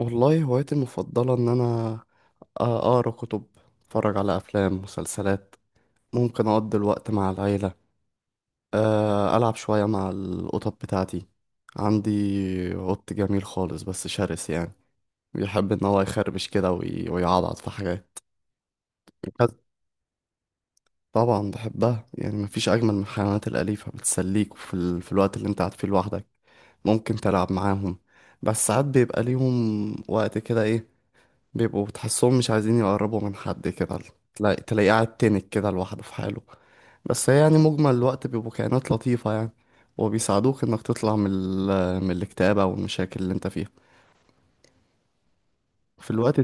والله هوايتي المفضلة إن أنا أقرأ كتب، أتفرج على أفلام مسلسلات، ممكن أقضي الوقت مع العيلة، ألعب شوية مع القطط بتاعتي. عندي قط جميل خالص بس شرس يعني، بيحب إن هو يخربش كده ويعضعض في حاجات. بس طبعا بحبها، يعني مفيش أجمل من الحيوانات الأليفة، بتسليك في الوقت اللي أنت قاعد فيه لوحدك. ممكن تلعب معاهم. بس ساعات بيبقى ليهم وقت كده ايه، بيبقوا تحسهم مش عايزين يقربوا من حد كده، تلاقيه قاعد تنك كده لوحده في حاله. بس هي يعني مجمل الوقت بيبقوا كائنات لطيفة يعني، وبيساعدوك انك تطلع من الاكتئاب او المشاكل اللي انت فيها في الوقت.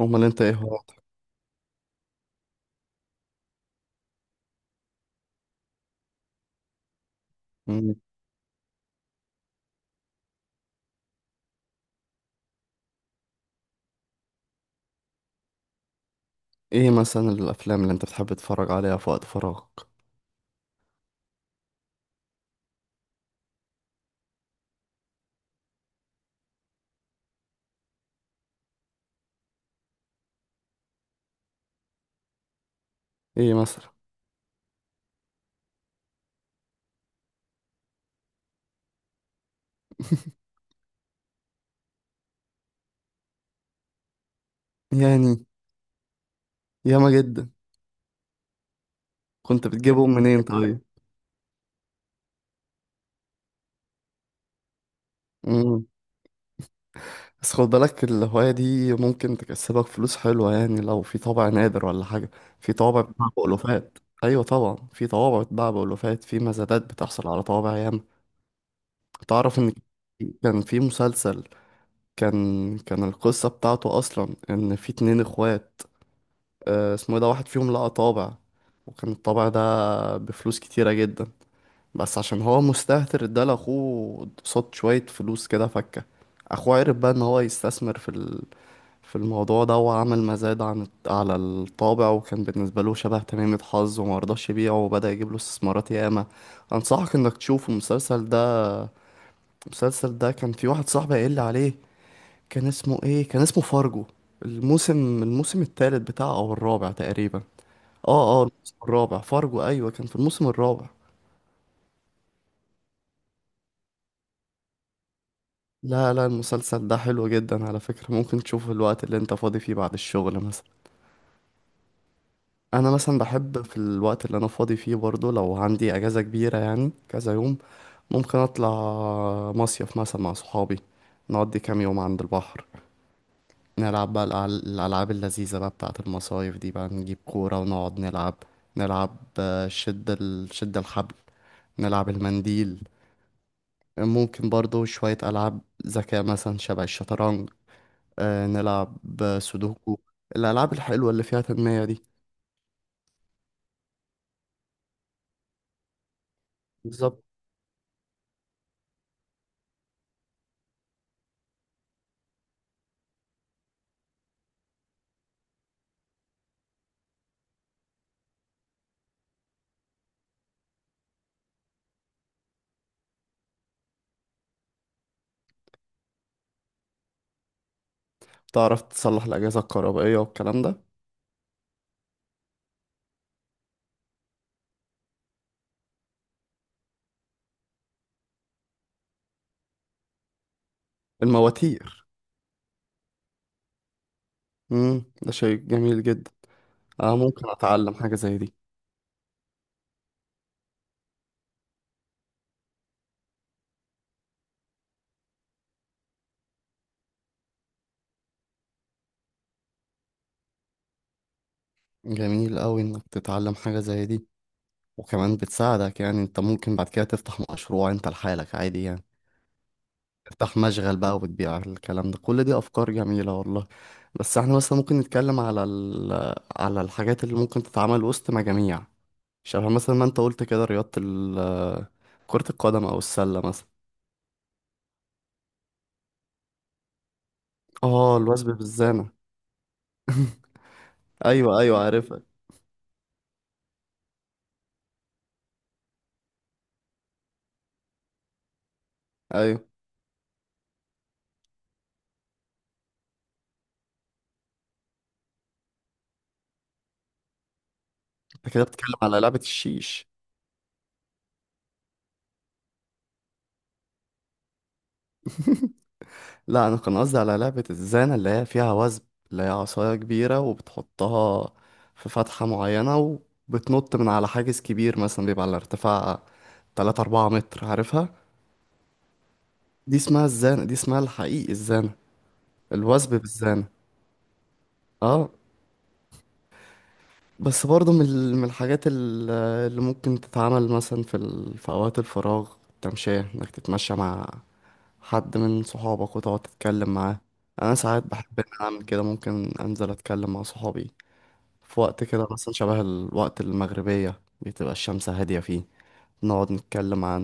امال انت ايه هو؟ مم. ايه مثلا الافلام اللي انت بتحب تتفرج عليها في وقت فراغك؟ ايه مثلا؟ يعني ياما جدا. كنت بتجيبهم منين طيب؟ بس خد بالك الهواية دي ممكن تكسبك فلوس حلوة، يعني لو في طابع نادر ولا حاجة. في طوابع بتتباع بألوفات. أيوة طبعا، في طوابع بتتباع بألوفات، في مزادات بتحصل على طوابع ياما. تعرف إن كان في مسلسل، كان القصة بتاعته أصلا إن في اتنين إخوات. اسمه إيه ده، واحد فيهم لقى طابع، وكان الطابع ده بفلوس كتيرة جدا. بس عشان هو مستهتر اداله أخوه قصاد شوية فلوس كده فكة. أخوه عرف بقى إن هو يستثمر في الموضوع ده، وعمل مزاد على الطابع، وكان بالنسبة له شبه تميمة حظ وما رضاش يبيعه، وبدأ يجيب له استثمارات ياما. أنصحك إنك تشوف المسلسل ده. المسلسل ده كان في واحد صاحبي قايل لي عليه. كان اسمه إيه، كان اسمه فارجو. الموسم التالت بتاعه أو الرابع تقريبا. الموسم الرابع فارجو، أيوة كان في الموسم الرابع. لا لا، المسلسل ده حلو جدا على فكرة، ممكن تشوفه الوقت اللي انت فاضي فيه بعد الشغل مثلا. انا مثلا بحب في الوقت اللي انا فاضي فيه برضو، لو عندي اجازة كبيرة يعني كذا يوم، ممكن اطلع مصيف مثلا مع صحابي، نقضي كام يوم عند البحر، نلعب بقى الالعاب اللذيذة بقى بتاعة المصايف دي، بقى نجيب كورة ونقعد نلعب شد الحبل، نلعب المنديل. ممكن برضو شوية العاب ذكاء مثلا، شبه الشطرنج، نلعب سودوكو. الالعاب الحلوة اللي فيها تنمية دي. بالظبط. تعرف تصلح الأجهزة الكهربائية والكلام ده؟ المواتير. امم، ده شيء جميل جدا، انا ممكن اتعلم حاجة زي دي. جميل قوي انك تتعلم حاجة زي دي، وكمان بتساعدك يعني انت ممكن بعد كده تفتح مشروع انت لحالك عادي يعني، تفتح مشغل بقى وتبيع الكلام ده، كل دي افكار جميلة والله. بس احنا مثلا ممكن نتكلم على الحاجات اللي ممكن تتعمل وسط مجاميع، شبه مثلا ما انت قلت كده كرة القدم او السلة مثلا. اه، الوثب بالزانة. ايوه ايوه عارفها. ايوه. انت كده بتتكلم على لعبة الشيش. لا، انا كان قصدي على لعبة الزانة اللي هي فيها وثب، اللي هي عصاية كبيرة وبتحطها في فتحة معينة، وبتنط من على حاجز كبير مثلا بيبقى على ارتفاع 3 4 متر، عارفها. دي اسمها الزانة، دي اسمها الحقيقي الزانة، الوثب بالزانة. اه. بس برضه من الحاجات اللي ممكن تتعمل مثلا في اوقات الفراغ، التمشية انك تتمشى مع حد من صحابك وتقعد تتكلم معاه. انا ساعات بحب ان أنا اعمل كده، ممكن انزل اتكلم مع صحابي في وقت كده مثلا شبه الوقت المغربية بتبقى الشمس هادية فيه، نقعد نتكلم عن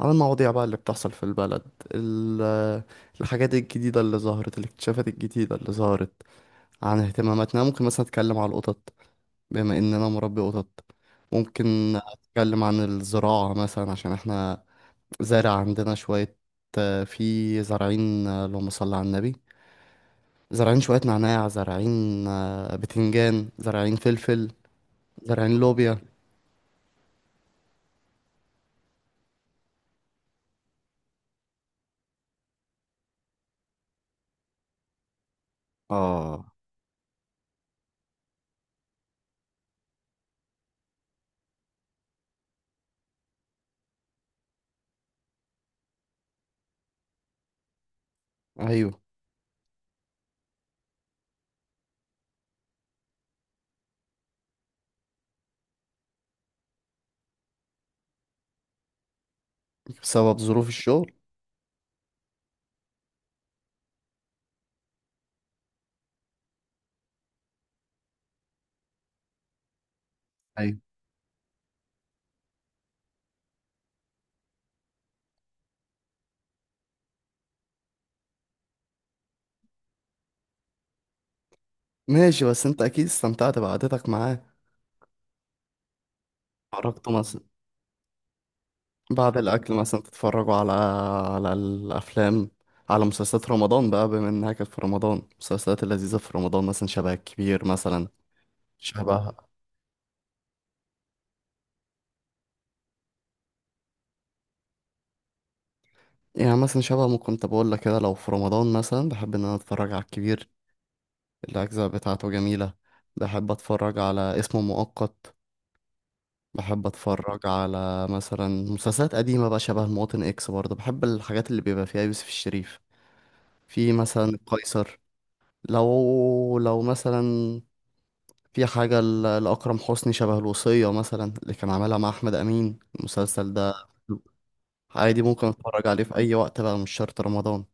المواضيع بقى اللي بتحصل في البلد، ال... الحاجات الجديدة اللي ظهرت، الاكتشافات الجديدة اللي ظهرت، عن اهتماماتنا. ممكن مثلا أتكلم عن القطط بما إن أنا مربي قطط. ممكن أتكلم عن الزراعة مثلا، عشان احنا زارع عندنا شوية، في زارعين، اللهم صل على النبي، زارعين شوية نعناع، زارعين بتنجان، زارعين فلفل، زرعين لوبيا. اه. ايوه، بسبب ظروف الشغل. ايوه ماشي، بس انت اكيد استمتعت بقعدتك معاه. خرجتوا مثلا بعد الاكل مثلا تتفرجوا على الافلام على مسلسلات رمضان بقى بما انها كانت في رمضان، المسلسلات اللذيذه في رمضان مثلا شبه الكبير مثلا. شبه يعني مثلا شبه ما كنت بقول لك كده، لو في رمضان مثلا بحب ان انا اتفرج على الكبير، الاجزاء بتاعته جميله. بحب اتفرج على اسمه مؤقت. بحب اتفرج على مثلا مسلسلات قديمة بقى، شبه المواطن اكس، برضه بحب الحاجات اللي بيبقى فيها يوسف الشريف، في مثلا القيصر. لو مثلا في حاجة لأكرم حسني، شبه الوصية مثلا اللي كان عاملها مع أحمد أمين، المسلسل ده عادي ممكن اتفرج عليه في أي وقت بقى مش شرط رمضان.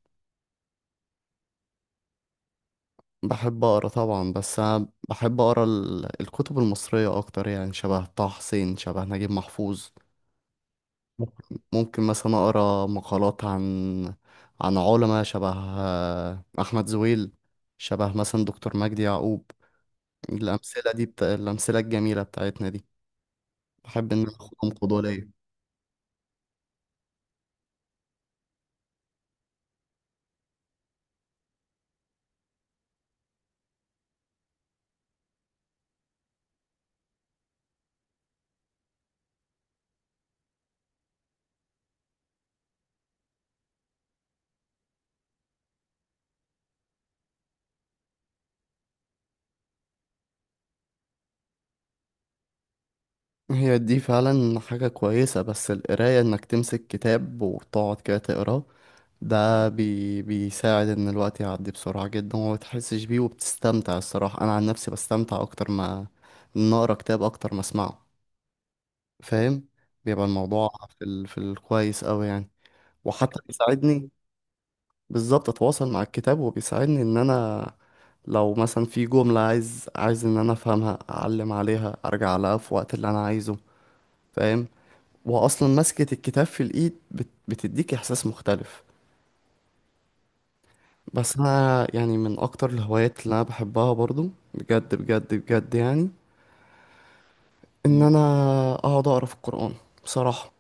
بحب أقرأ طبعا، بس أنا بحب أقرأ الكتب المصرية أكتر يعني، شبه طه حسين، شبه نجيب محفوظ. ممكن مثلا اقرا مقالات عن علماء شبه احمد زويل، شبه مثلا دكتور مجدي يعقوب. الامثله الجميله بتاعتنا دي، بحب ان أنا اخدهم قدوه ليا. هي دي فعلا حاجه كويسه، بس القرايه انك تمسك كتاب وتقعد كده تقراه ده بيساعد ان الوقت يعدي بسرعه جدا وما بتحسش بيه، وبتستمتع الصراحه. انا عن نفسي بستمتع اكتر ما، ان اقرا كتاب اكتر ما اسمعه. فاهم. بيبقى الموضوع في الكويس أوي يعني. وحتى بيساعدني. بالظبط أتواصل مع الكتاب، وبيساعدني إن أنا لو مثلا في جملة عايز إن أنا أفهمها أعلم عليها، أرجع لها في وقت اللي أنا عايزه. فاهم. وأصلا مسكة الكتاب في الإيد بتديك إحساس مختلف. بس أنا يعني من أكتر الهوايات اللي أنا بحبها برضو، بجد بجد بجد يعني، إن أنا أقعد أقرأ في القرآن بصراحة.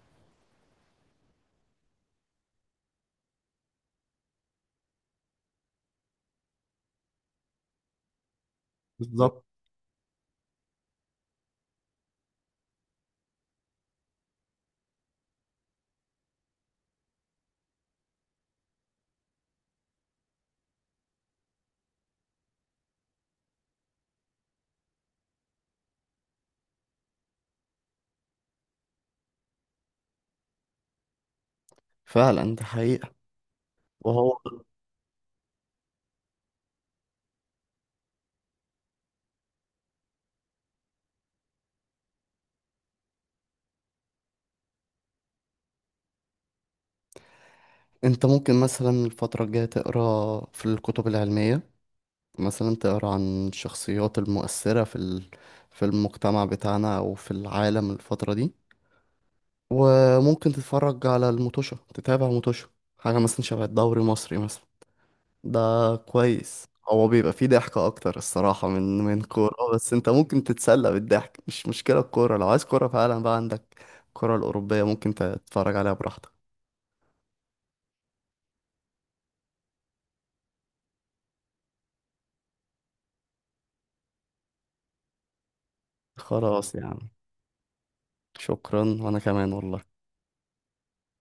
بالظبط. فعلا دي حقيقة. وهو. انت ممكن مثلا الفترة الجاية تقرا في الكتب العلمية، مثلا تقرا عن الشخصيات المؤثرة في المجتمع بتاعنا او في العالم الفترة دي. وممكن تتفرج على الموتوشة، تتابع موتوشة حاجة مثلا شبه الدوري المصري مثلا. ده كويس، هو بيبقى فيه ضحكة أكتر الصراحة من كورة، بس أنت ممكن تتسلى بالضحك مش مشكلة. الكورة لو عايز كورة فعلا بقى عندك الكرة الأوروبية، ممكن تتفرج عليها براحتك. خلاص يعني. شكرا وأنا كمان والله.